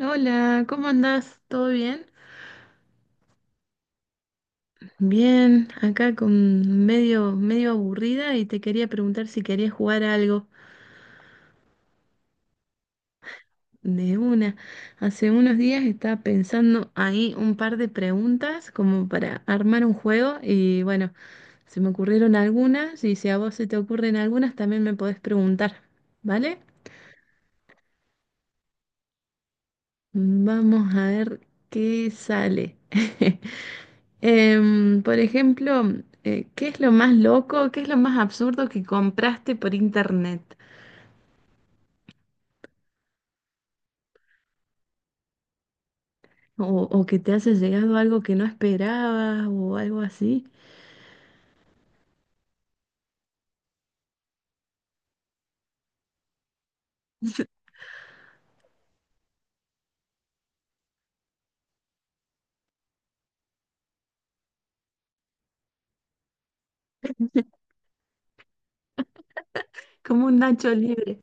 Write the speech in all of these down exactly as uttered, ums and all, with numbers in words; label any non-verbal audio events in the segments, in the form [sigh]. Hola, ¿cómo andás? ¿Todo bien? Bien, acá con medio, medio aburrida y te quería preguntar si querías jugar a algo de una. Hace unos días estaba pensando ahí un par de preguntas como para armar un juego y bueno, se me ocurrieron algunas y si a vos se te ocurren algunas también me podés preguntar, ¿vale? Vamos a ver qué sale. [laughs] Em, por ejemplo, eh, ¿qué es lo más loco, qué es lo más absurdo que compraste por internet? O, o que te haya llegado algo que no esperabas o algo así, como un Nacho libre.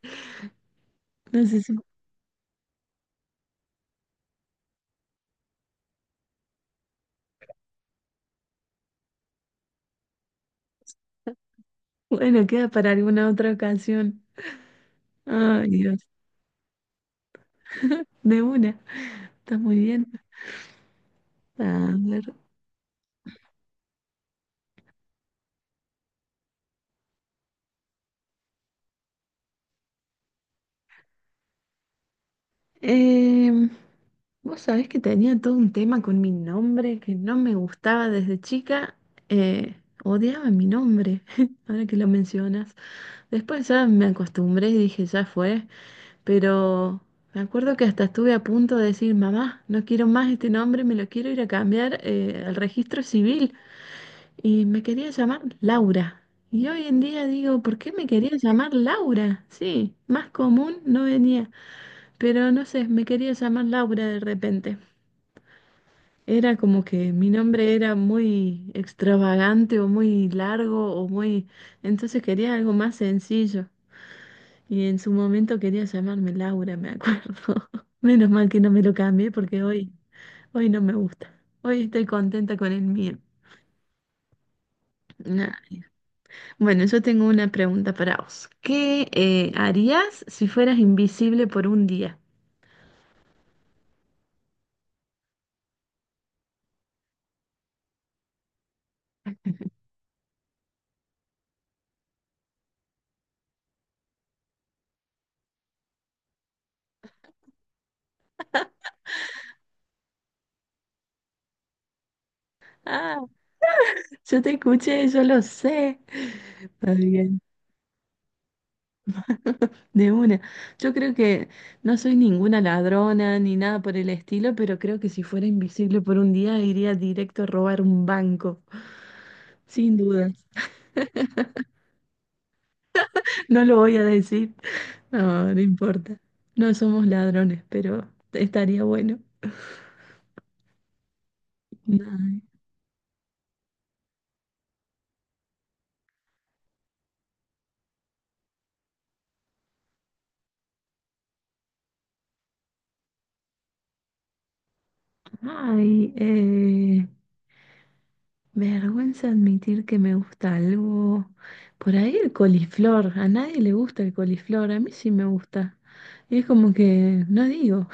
No sé si, bueno, queda para alguna otra ocasión. Ay, Dios, de una, está muy bien. A ver. em, Vos sabés que tenía todo un tema con mi nombre que no me gustaba desde chica. eh, Odiaba mi nombre, [laughs] ahora que lo mencionas. Después ya me acostumbré y dije, ya fue, pero me acuerdo que hasta estuve a punto de decir, mamá, no quiero más este nombre, me lo quiero ir a cambiar eh, al registro civil. Y me quería llamar Laura. Y hoy en día digo, ¿por qué me quería llamar Laura? Sí, más común no venía, pero no sé, me quería llamar Laura de repente. Era como que mi nombre era muy extravagante o muy largo o muy... Entonces quería algo más sencillo. Y en su momento quería llamarme Laura, me acuerdo. [laughs] Menos mal que no me lo cambié porque hoy, hoy no me gusta. Hoy estoy contenta con el mío. Nah. Bueno, yo tengo una pregunta para vos. ¿Qué eh, harías si fueras invisible por un día? Ah, yo te escuché, yo lo sé. Está bien, de una. Yo creo que no soy ninguna ladrona ni nada por el estilo, pero creo que si fuera invisible por un día iría directo a robar un banco, sin duda. No lo voy a decir. No, no importa. No somos ladrones, pero estaría bueno. Ay, ay, eh, vergüenza admitir que me gusta algo. Por ahí el coliflor. A nadie le gusta el coliflor. A mí sí me gusta. Y es como que no digo.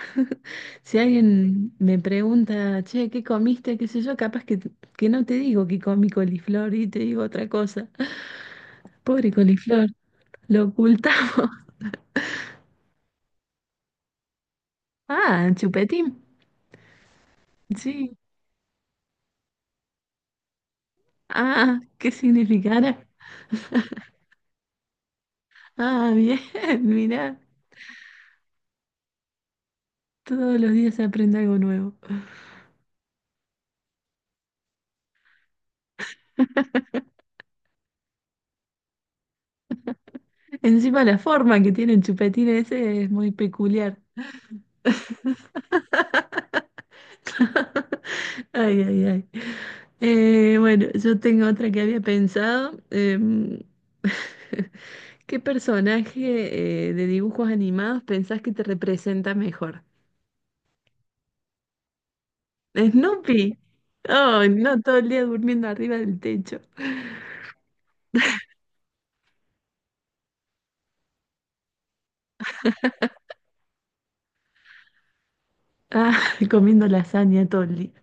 Si alguien me pregunta, che, ¿qué comiste? ¿Qué sé yo? Capaz que, que no te digo que comí coliflor y te digo otra cosa. Pobre coliflor. Lo ocultamos. [laughs] Ah, chupetín. Sí. Ah, ¿qué significará? Ah, bien, [laughs] mirá, todos los días se aprende algo nuevo. Encima la forma que tiene el chupetín ese es muy peculiar. [laughs] Ay, ay, ay. Eh, bueno, yo tengo otra que había pensado. Em, [laughs] ¿qué personaje eh, de dibujos animados pensás que te representa mejor? ¿Snoopy? Oh, no, todo el día durmiendo arriba del techo. Ah, [laughs] comiendo lasaña todo el día.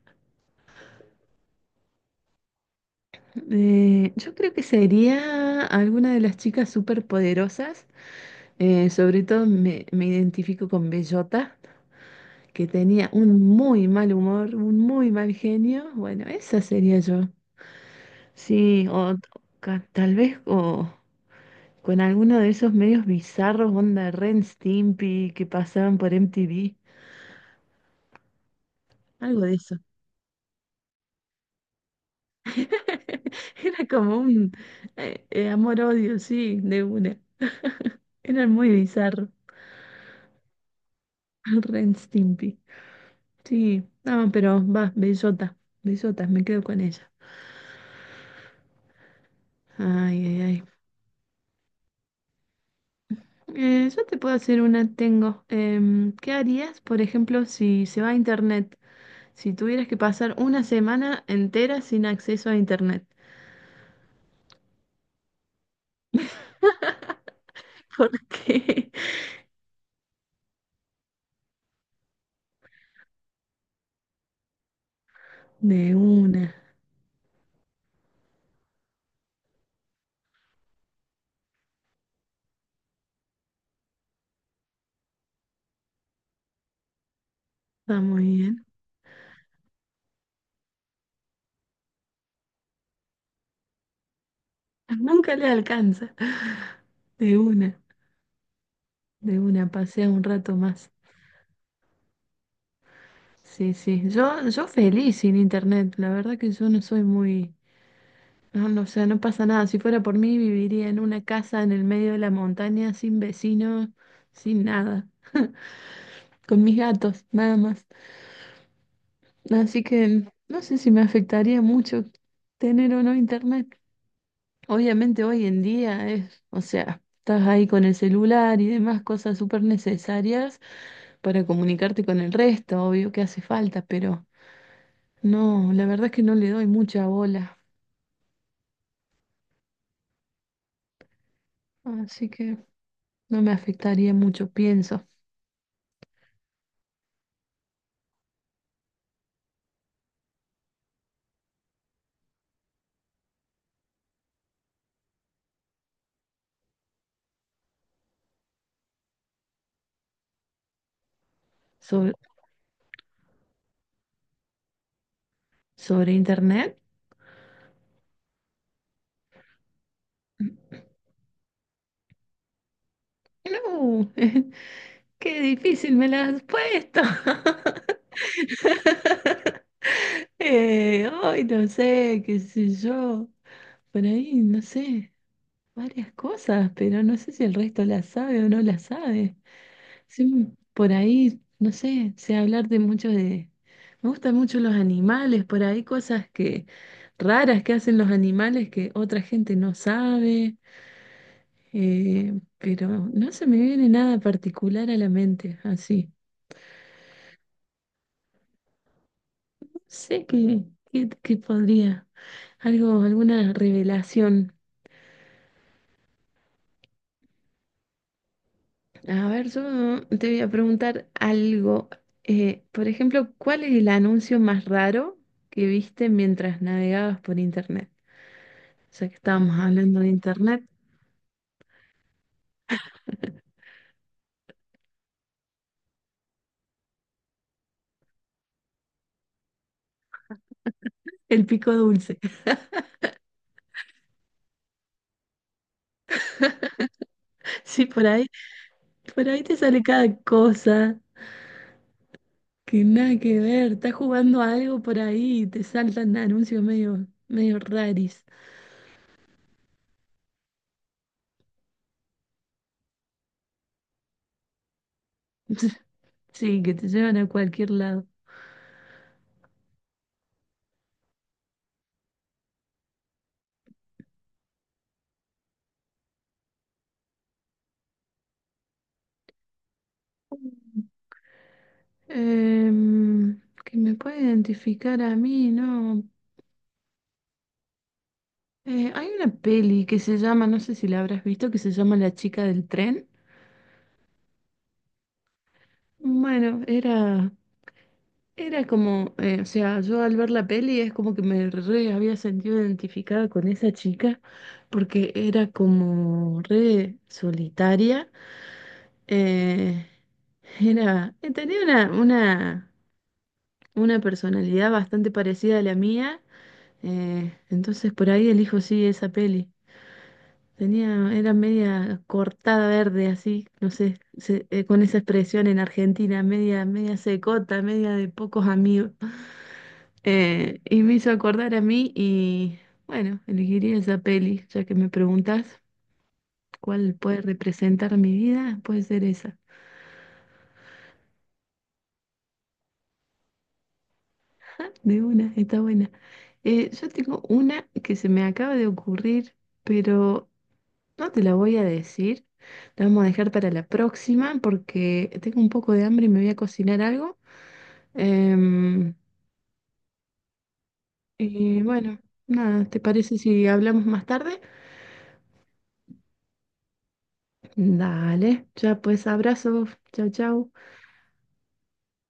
Eh, yo creo que sería alguna de las chicas superpoderosas. Eh, sobre todo me, me identifico con Bellota, que tenía un muy mal humor, un muy mal genio. Bueno, esa sería yo. Sí, o t- ca- tal vez o con alguno de esos medios bizarros, onda Ren Stimpy, que pasaban por M T V. Algo de eso. [laughs] Era como un eh, eh, amor-odio, sí, de una. Era muy bizarro. [laughs] Ren Stimpy. Sí, no, pero va, bellota, bellota, me quedo con ella. Ay, ay, ay. Eh, yo te puedo hacer una, tengo. Em, ¿qué harías, por ejemplo, si se va a internet? Si tuvieras que pasar una semana entera sin acceso a internet. [laughs] ¿Por qué? De una, está muy bien. Nunca le alcanza. De una, de una, pasea un rato más. Sí, sí, yo, yo feliz sin internet. La verdad que yo no soy muy... No, no, o sea, no pasa nada. Si fuera por mí, viviría en una casa en el medio de la montaña, sin vecinos, sin nada, [laughs] con mis gatos, nada más. Así que no sé si me afectaría mucho tener o no internet. Obviamente hoy en día es, o sea, estás ahí con el celular y demás cosas súper necesarias para comunicarte con el resto, obvio que hace falta, pero no, la verdad es que no le doy mucha bola. Así que no me afectaría mucho, pienso. sobre ¿Sobre internet? No, [laughs] qué difícil me la has puesto. [laughs] Eh, ay, no sé, qué sé yo. Por ahí, no sé, varias cosas, pero no sé si el resto la sabe o no la sabe. Sí, por ahí, no sé, sé hablar de mucho de... Me gustan mucho los animales, por ahí cosas que raras que hacen los animales que otra gente no sabe. Eh, pero no se me viene nada particular a la mente, así. No sé qué, qué, qué podría, algo, alguna revelación. A ver, yo te voy a preguntar algo. Eh, por ejemplo, ¿cuál es el anuncio más raro que viste mientras navegabas por internet? Ya que estábamos hablando de internet, el pico dulce. [laughs] Sí, por ahí, por ahí te sale cada cosa. Que nada que ver, estás jugando a algo por ahí y te saltan anuncios medio, medio raris. [laughs] Sí, que te llevan a cualquier lado. Em, que me puede identificar a mí, ¿no? Eh, hay una peli que se llama, no sé si la habrás visto, que se llama La chica del tren. Bueno, era, era como, eh, o sea, yo al ver la peli es como que me re había sentido identificada con esa chica, porque era como re solitaria. Eh, era, eh, Tenía una, una, una personalidad bastante parecida a la mía, eh, entonces por ahí elijo sí esa peli. Tenía, era media cortada verde así, no sé, se- eh, con esa expresión en Argentina, media, media secota, media de pocos amigos. Eh, y me hizo acordar a mí y bueno, elegiría esa peli, ya que me preguntas cuál puede representar mi vida, puede ser esa. De una, está buena. Eh, yo tengo una que se me acaba de ocurrir, pero no te la voy a decir. La vamos a dejar para la próxima porque tengo un poco de hambre y me voy a cocinar algo. Em, y bueno, nada, ¿te parece si hablamos más tarde? Dale, ya pues abrazos. Chau, chau.